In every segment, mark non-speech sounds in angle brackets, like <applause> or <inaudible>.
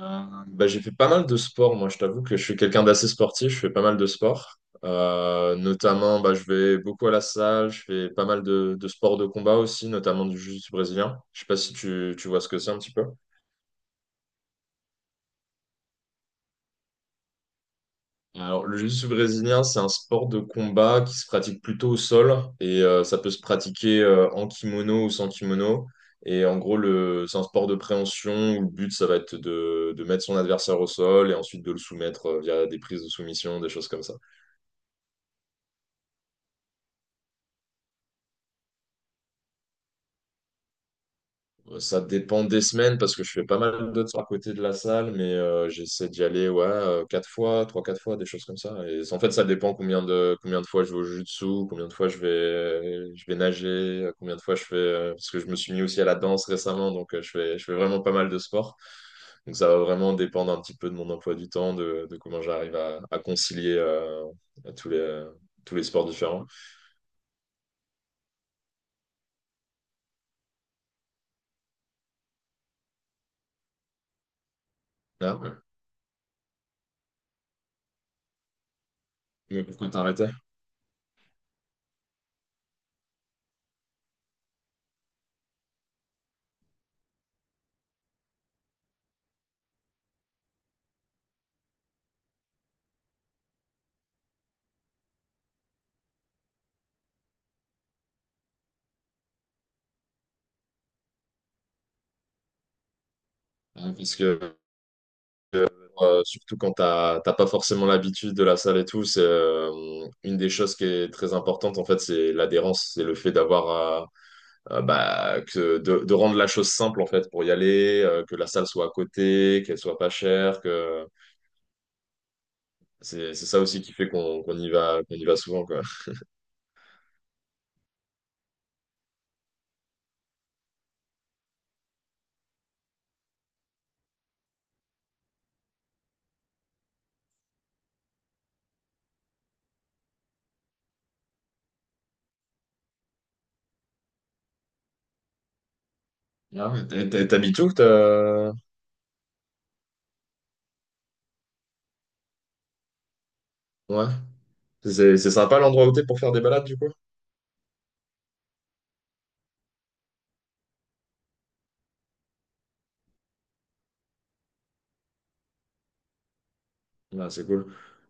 Euh, bah, j'ai fait pas mal de sport, moi je t'avoue que je suis quelqu'un d'assez sportif, je fais pas mal de sport. Notamment, bah, je vais beaucoup à la salle, je fais pas mal de sports de combat aussi, notamment du jiu-jitsu brésilien. Je sais pas si tu vois ce que c'est un petit peu. Alors, le jiu-jitsu brésilien, c'est un sport de combat qui se pratique plutôt au sol et ça peut se pratiquer en kimono ou sans kimono. Et en gros, c'est un sport de préhension où le but, ça va être de mettre son adversaire au sol et ensuite de le soumettre via des prises de soumission, des choses comme ça. Ça dépend des semaines parce que je fais pas mal d'autres à côté de la salle, mais j'essaie d'y aller ouais, quatre fois, trois, quatre fois, des choses comme ça. Et en fait, ça dépend combien de fois je vais au jiu-jitsu, combien de fois je vais nager, combien de fois je fais. Parce que je me suis mis aussi à la danse récemment, donc je fais vraiment pas mal de sport. Donc ça va vraiment dépendre un petit peu de mon emploi du temps, de comment j'arrive à concilier tous les, tous les sports différents. Ah, ouais. Mais pourquoi t'arrêtais? Ah, que, surtout quand t'as pas forcément l'habitude de la salle et tout, c'est une des choses qui est très importante en fait, c'est l'adhérence, c'est le fait d'avoir bah, que de rendre la chose simple en fait pour y aller, que la salle soit à côté, qu'elle soit pas chère, que c'est ça aussi qui fait qu'on y va qu'on y va souvent quoi. Ah, mais t'habites où? Ouais. C'est sympa l'endroit où t'es pour faire des balades du coup? Ah, c'est cool.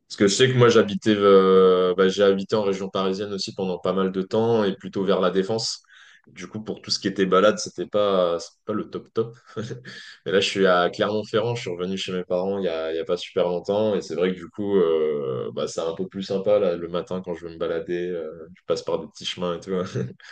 Parce que je sais que moi j'habitais bah, j'ai habité en région parisienne aussi pendant pas mal de temps et plutôt vers la Défense. Du coup, pour tout ce qui était balade, c'était pas le top top. <laughs> Mais là, je suis à Clermont-Ferrand, je suis revenu chez mes parents il y a pas super longtemps. Et c'est vrai que du coup, bah, c'est un peu plus sympa là, le matin quand je veux me balader. Je passe par des petits chemins et tout. <laughs>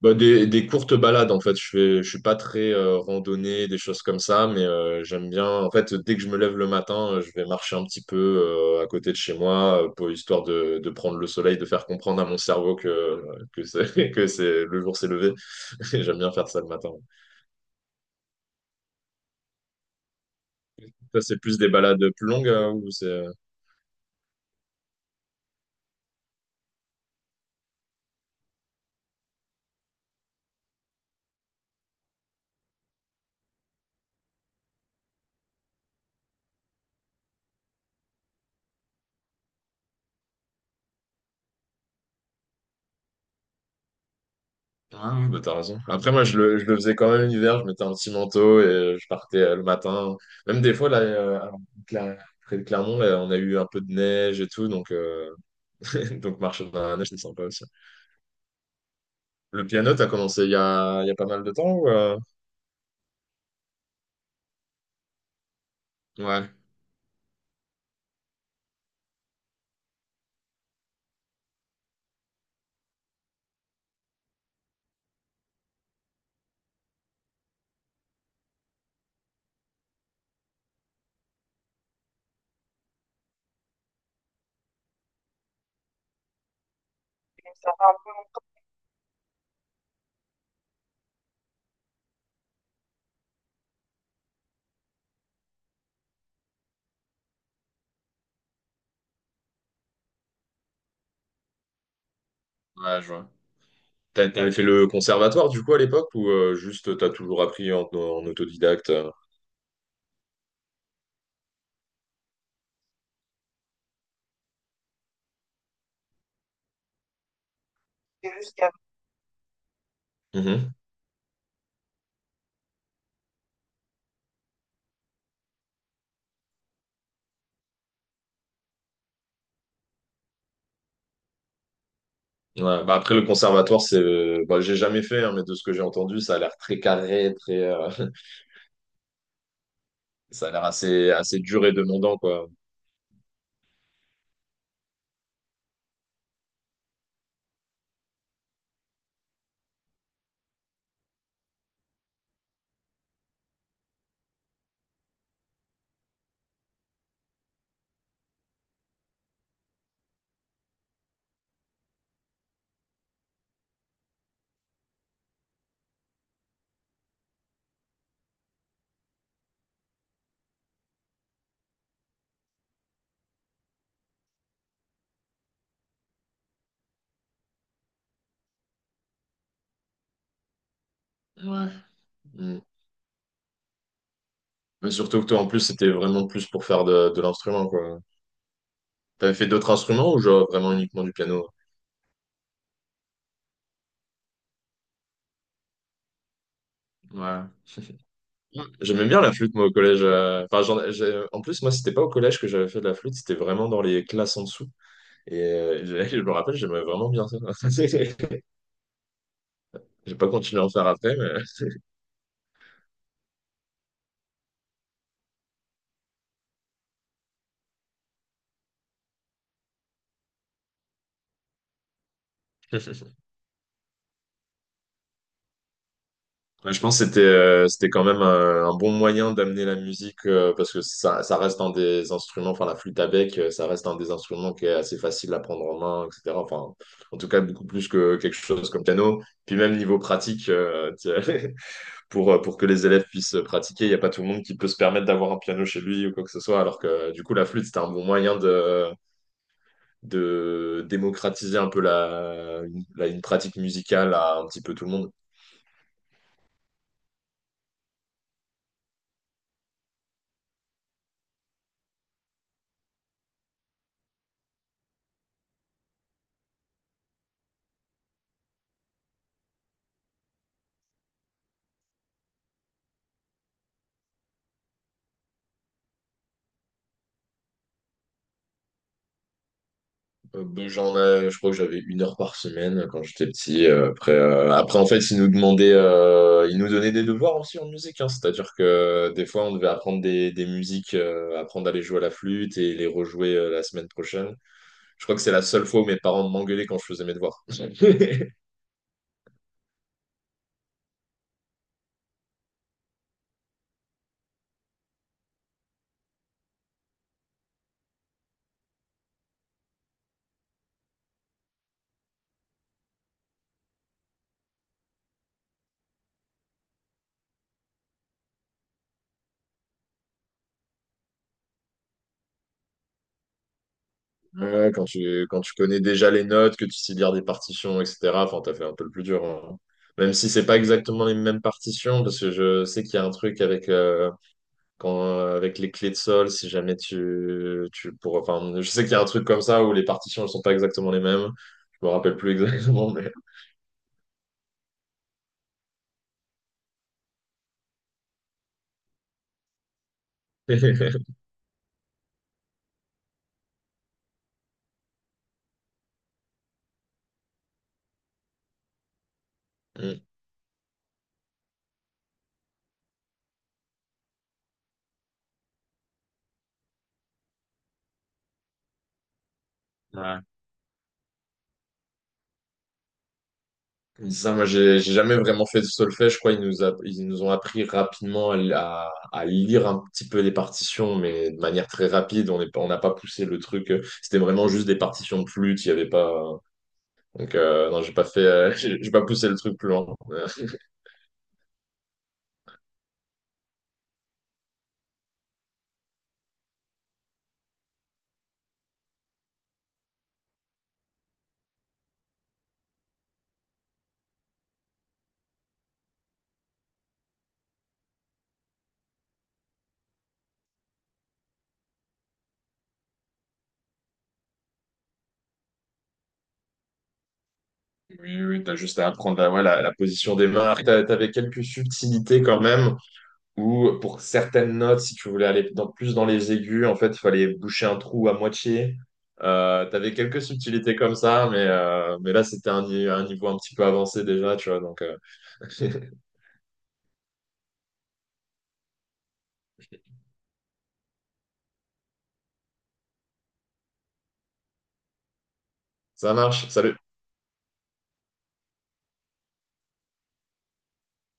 Bah, des courtes balades en fait. Je suis pas très randonnée, des choses comme ça, mais j'aime bien. En fait, dès que je me lève le matin, je vais marcher un petit peu à côté de chez moi, pour histoire de prendre le soleil, de faire comprendre à mon cerveau que c'est <laughs> que c'est le jour s'est levé. <laughs> J'aime bien faire ça le matin. Ça, c'est plus des balades plus longues ou c'est Ah oui, bah t'as raison. Après, moi, je le faisais quand même l'hiver, je mettais un petit manteau et je partais le matin. Même des fois, là, alors, près de Clermont, là, on a eu un peu de neige et tout, donc, <laughs> donc marcher dans la neige, c'est sympa aussi. Le piano, t'as commencé il y a pas mal de temps ou, Ouais, ouais, je vois. T'avais fait le conservatoire, du coup, à l'époque, ou juste t'as toujours appris en autodidacte? Jusqu'à- Mhm. Ouais, bah après le conservatoire c'est bah, j'ai jamais fait hein, mais de ce que j'ai entendu ça a l'air très carré très <laughs> Ça a l'air assez, assez dur et demandant, quoi. Ouais. Mm. Mais surtout que toi, en plus, c'était vraiment plus pour faire de l'instrument, quoi. T'avais fait d'autres instruments ou genre vraiment uniquement du piano? Ouais. J'aimais bien la flûte, moi, au collège. Enfin, en plus, moi, c'était pas au collège que j'avais fait de la flûte, c'était vraiment dans les classes en dessous. Et <laughs> je me rappelle, j'aimais vraiment bien ça. <laughs> J'ai pas continué à en faire après, mais... <laughs> Ouais, je pense que c'était quand même un bon moyen d'amener la musique parce que ça reste un des instruments, enfin la flûte à bec, ça reste un des instruments qui est assez facile à prendre en main, etc. Enfin, en tout cas, beaucoup plus que quelque chose comme piano. Puis même niveau pratique, tu <laughs> pour que les élèves puissent pratiquer, il n'y a pas tout le monde qui peut se permettre d'avoir un piano chez lui ou quoi que ce soit, alors que du coup, la flûte, c'était un bon moyen de démocratiser un peu une pratique musicale à un petit peu tout le monde. Ben, j'en ai, je crois que j'avais 1 heure par semaine quand j'étais petit. Après, en fait, ils nous donnaient des devoirs aussi en musique. Hein. C'est-à-dire que des fois, on devait apprendre des musiques, apprendre à les jouer à la flûte et les rejouer la semaine prochaine. Je crois que c'est la seule fois où mes parents m'engueulaient quand je faisais mes devoirs. <laughs> Ouais, quand tu connais déjà les notes, que tu sais lire des partitions, etc. Enfin, t'as fait un peu le plus dur. Hein. Même si c'est pas exactement les mêmes partitions, parce que je sais qu'il y a un truc avec. Quand, avec les clés de sol, si jamais enfin, je sais qu'il y a un truc comme ça où les partitions ne sont pas exactement les mêmes. Je me rappelle plus <laughs> exactement, mais <laughs> Mm. Ouais. Mm. Ça, moi, j'ai jamais vraiment fait de solfège. Je crois qu'ils nous ont appris rapidement à lire un petit peu les partitions, mais de manière très rapide. On n'a pas poussé le truc. C'était vraiment juste des partitions de flûte. Il y avait pas. Donc non, j'ai pas fait, <laughs> j'ai pas poussé le truc plus loin. Oui, oui, oui, t'as juste à apprendre ouais, la position des mains. T'avais quelques subtilités quand même, où pour certaines notes, si tu voulais aller plus dans les aigus, en fait, il fallait boucher un trou à moitié. T'avais quelques subtilités comme ça, mais là, c'était un, ni- un niveau un petit peu avancé déjà, tu vois, donc <laughs> Ça marche. Salut.